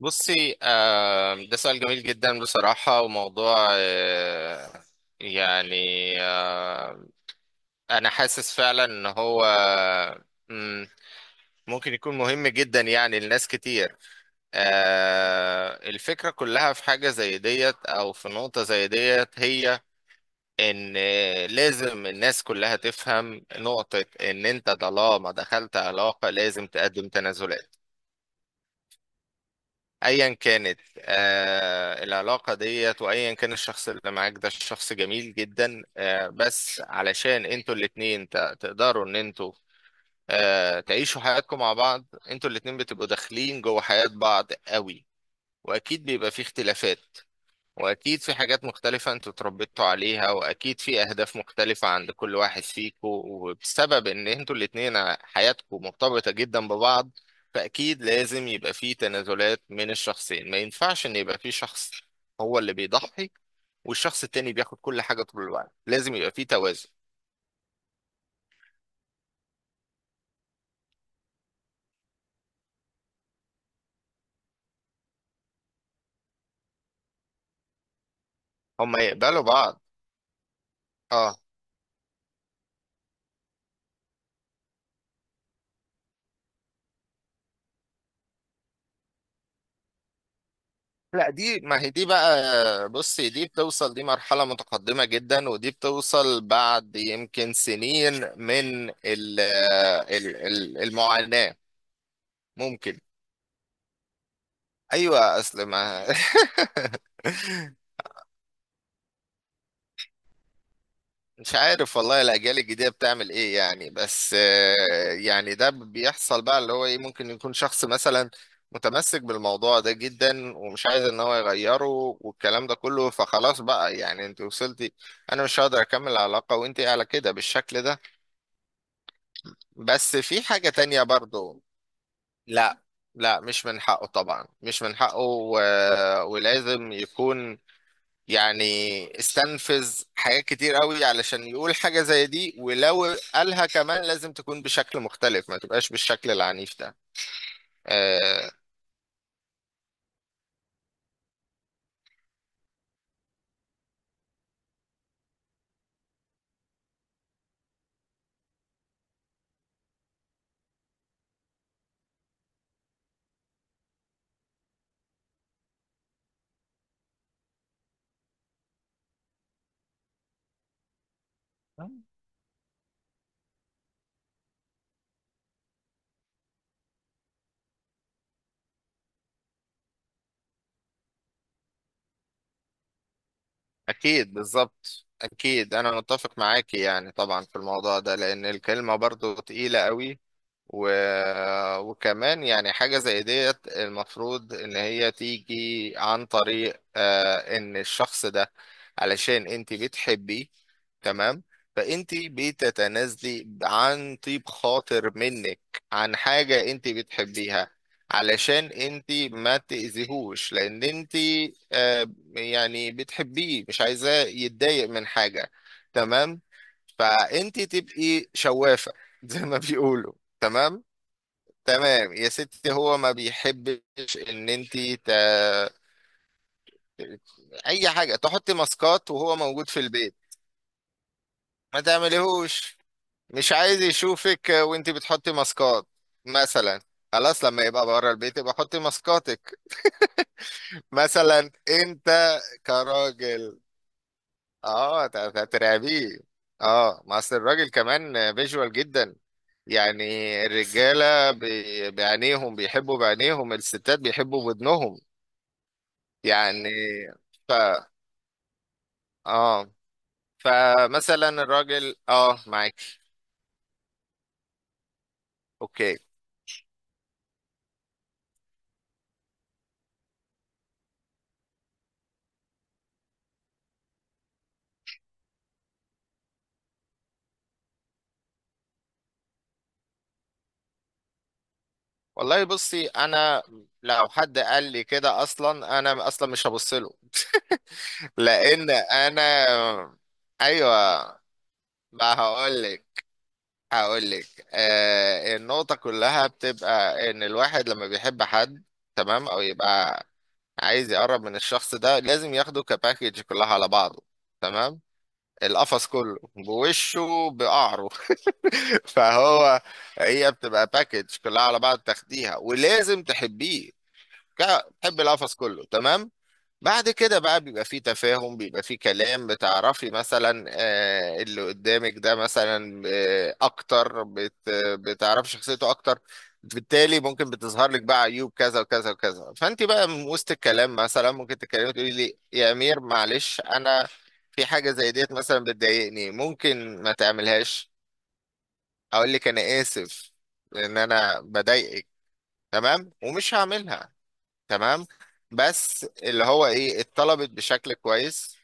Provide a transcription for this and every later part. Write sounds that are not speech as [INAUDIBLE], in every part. بصي، ده سؤال جميل جدا بصراحة، وموضوع يعني، آه، أنا حاسس فعلا إن هو مم، ممكن يكون مهم جدا يعني لناس كتير. الفكرة كلها في حاجة زي ديت أو في نقطة زي ديت، هي إن لازم الناس كلها تفهم نقطة إن أنت طالما دخلت علاقة لازم تقدم تنازلات. ايا كانت العلاقه ديت، وايا كان الشخص اللي معاك، ده الشخص جميل جدا، بس علشان انتوا الاتنين تقدروا ان انتوا تعيشوا حياتكم مع بعض. انتوا الاتنين بتبقوا داخلين جوه حياه بعض قوي، واكيد بيبقى في اختلافات، واكيد في حاجات مختلفة انتوا اتربيتوا عليها، واكيد في اهداف مختلفة عند كل واحد فيكم. وبسبب ان انتوا الاتنين حياتكم مرتبطة جدا ببعض، فاكيد لازم يبقى في تنازلات من الشخصين. ما ينفعش ان يبقى في شخص هو اللي بيضحي والشخص التاني بياخد كل حاجة طول الوقت. لازم يبقى في توازن. هما يقبلوا بعض. اه، لا، دي ما هي دي بقى. بصي، دي بتوصل، دي مرحلة متقدمة جدا، ودي بتوصل بعد يمكن سنين من المعاناة. ممكن. أيوة أصل ما [LAUGHS] مش عارف والله الأجيال الجديدة بتعمل إيه يعني، بس يعني ده بيحصل بقى، اللي هو إيه، ممكن يكون شخص مثلا متمسك بالموضوع ده جدا، ومش عايز إن هو يغيره، والكلام ده كله. فخلاص بقى، يعني أنت وصلتي، أنا مش هقدر أكمل العلاقة وأنت على كده بالشكل ده. بس في حاجة تانية برضو. لا، لا مش من حقه طبعا، مش من حقه، ولازم يكون، يعني، استنفذ حاجات كتير قوي علشان يقول حاجة زي دي، ولو قالها كمان لازم تكون بشكل مختلف، ما تبقاش بالشكل العنيف ده. آه، أكيد، بالظبط، أكيد أنا متفق معاكي يعني طبعا في الموضوع ده، لأن الكلمة برضو تقيلة قوي. و... وكمان يعني، حاجة زي ديت المفروض إن هي تيجي عن طريق إن الشخص ده، علشان أنت بتحبيه، تمام، فأنت بتتنازلي عن طيب خاطر منك عن حاجة أنت بتحبيها، علشان أنت ما تأذيهوش، لأن أنت آه يعني بتحبيه، مش عايزاه يتضايق من حاجة. تمام، فأنت تبقي شوافة [LAUGHS] زي ما بيقولوا. تمام، تمام يا ستي، هو ما بيحبش ان انت ت... اي حاجه تحطي ماسكات وهو موجود في البيت. ما تعمليهوش، مش عايز يشوفك وانت بتحطي ماسكات مثلا. خلاص، لما يبقى بره البيت يبقى حطي ماسكاتك [LAUGHS] مثلا انت كراجل. اه، ترعبيه. اه، ما اصل الراجل كمان فيجوال جدا يعني. الرجاله بعينيهم بيحبوا، بعينيهم، الستات بيحبوا بودنهم يعني. ف اه فمثلا الراجل معاك. اوكي. والله بصي انا، لو حد قال لي كده اصلا انا اصلا مش هبص له [LAUGHS] لان انا، ايوه ما هقول لك، هقول لك. النقطة كلها بتبقى ان الواحد لما بيحب حد، تمام، او يبقى عايز يقرب من الشخص ده، لازم ياخده كباكيج كلها على بعضه. تمام، القفص كله بوشه بقعره. فهو، هي بتبقى باكج كلها على بعض، تاخديها ولازم تحبيه، تحب القفص كله، تمام. بعد كده بقى بيبقى فيه تفاهم، بيبقى فيه كلام، بتعرفي مثلا اللي قدامك ده مثلا اكتر، بتعرفي شخصيته اكتر. بالتالي ممكن بتظهر لك بقى عيوب كذا وكذا وكذا، فانت بقى من وسط الكلام مثلا ممكن تتكلمي، تقولي لي: يا امير، معلش، انا في حاجة زي ديت مثلا بتضايقني، ممكن ما تعملهاش. اقول لك: انا اسف ان انا بضايقك، تمام، ومش هعملها. تمام، بس اللي هو ايه، اتطلبت بشكل كويس.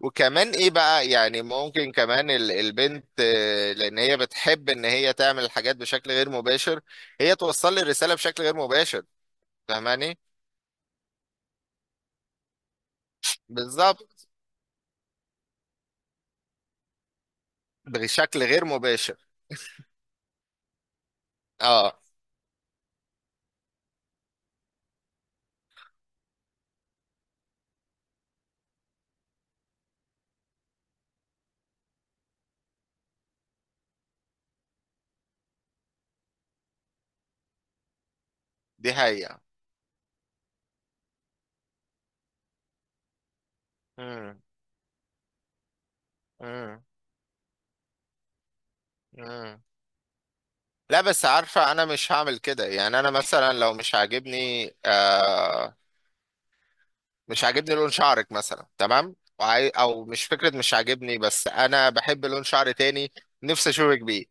وكمان ايه بقى، يعني ممكن كمان البنت، لان هي بتحب ان هي تعمل الحاجات بشكل غير مباشر، هي توصل لي الرسالة بشكل غير مباشر. فاهماني؟ بالظبط، بشكل غير مباشر. اه، دي حقيقة. مم. مم. مم. لا بس، عارفة أنا مش هعمل كده، يعني أنا مثلا لو مش عاجبني، مش عاجبني لون شعرك مثلا، تمام، او مش فكره، مش عاجبني، بس انا بحب لون شعر تاني، نفسي اشوفك بيه.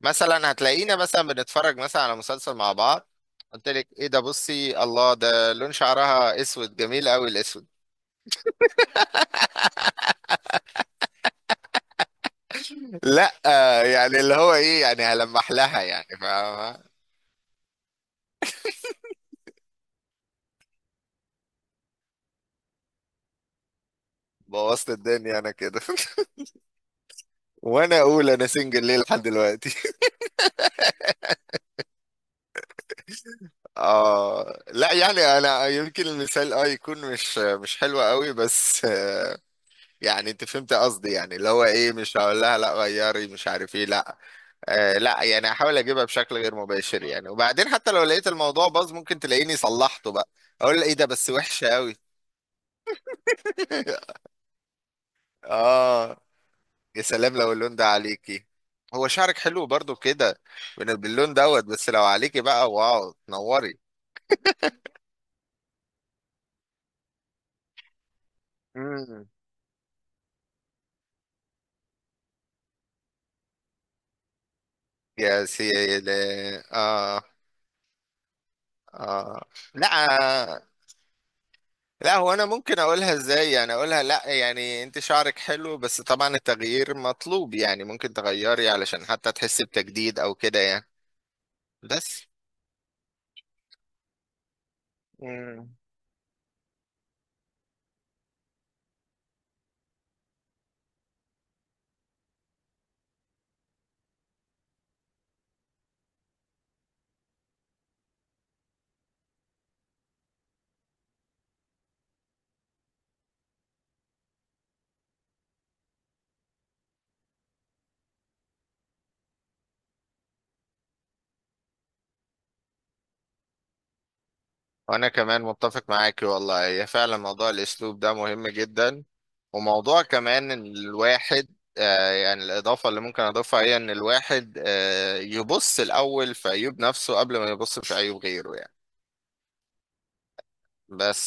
مثلا، هتلاقينا مثلا بنتفرج مثلا على مسلسل مع بعض، قلت لك: ايه ده؟ بصي الله، ده لون شعرها اسود جميل قوي، الاسود. لا، يعني اللي هو ايه، يعني هلمح لها يعني، فاهمة. بوظت الدنيا انا كده [LAUGHS] وانا اقول انا سنجل ليه لحد دلوقتي [LAUGHS] اه لا، يعني انا يمكن المثال يكون مش حلو قوي، بس يعني انت فهمت قصدي، يعني اللي هو ايه، مش هقول لها: لا غيري، مش عارف ايه، لا. لا يعني هحاول اجيبها بشكل غير مباشر يعني، وبعدين حتى لو لقيت الموضوع باظ ممكن تلاقيني صلحته بقى، اقول لها: ايه ده؟ بس وحشة قوي [LAUGHS] اه، يا سلام لو اللون ده عليكي، هو شعرك حلو برضو كده باللون دوت، بس لو عليكي بقى، واو، تنوري. مم. يا سيدي. اه، اه. لا، لا هو انا ممكن اقولها ازاي؟ يعني اقولها: لا، يعني انت شعرك حلو، بس طبعا التغيير مطلوب يعني، ممكن تغيري علشان حتى تحسي بتجديد او كده يعني. بس. مم. وانا كمان متفق معاكي والله، هي فعلا موضوع الاسلوب ده مهم جدا. وموضوع كمان ان الواحد، يعني الاضافة اللي ممكن اضيفها، هي ان الواحد يبص الاول في عيوب نفسه قبل ما يبص في عيوب غيره يعني. بس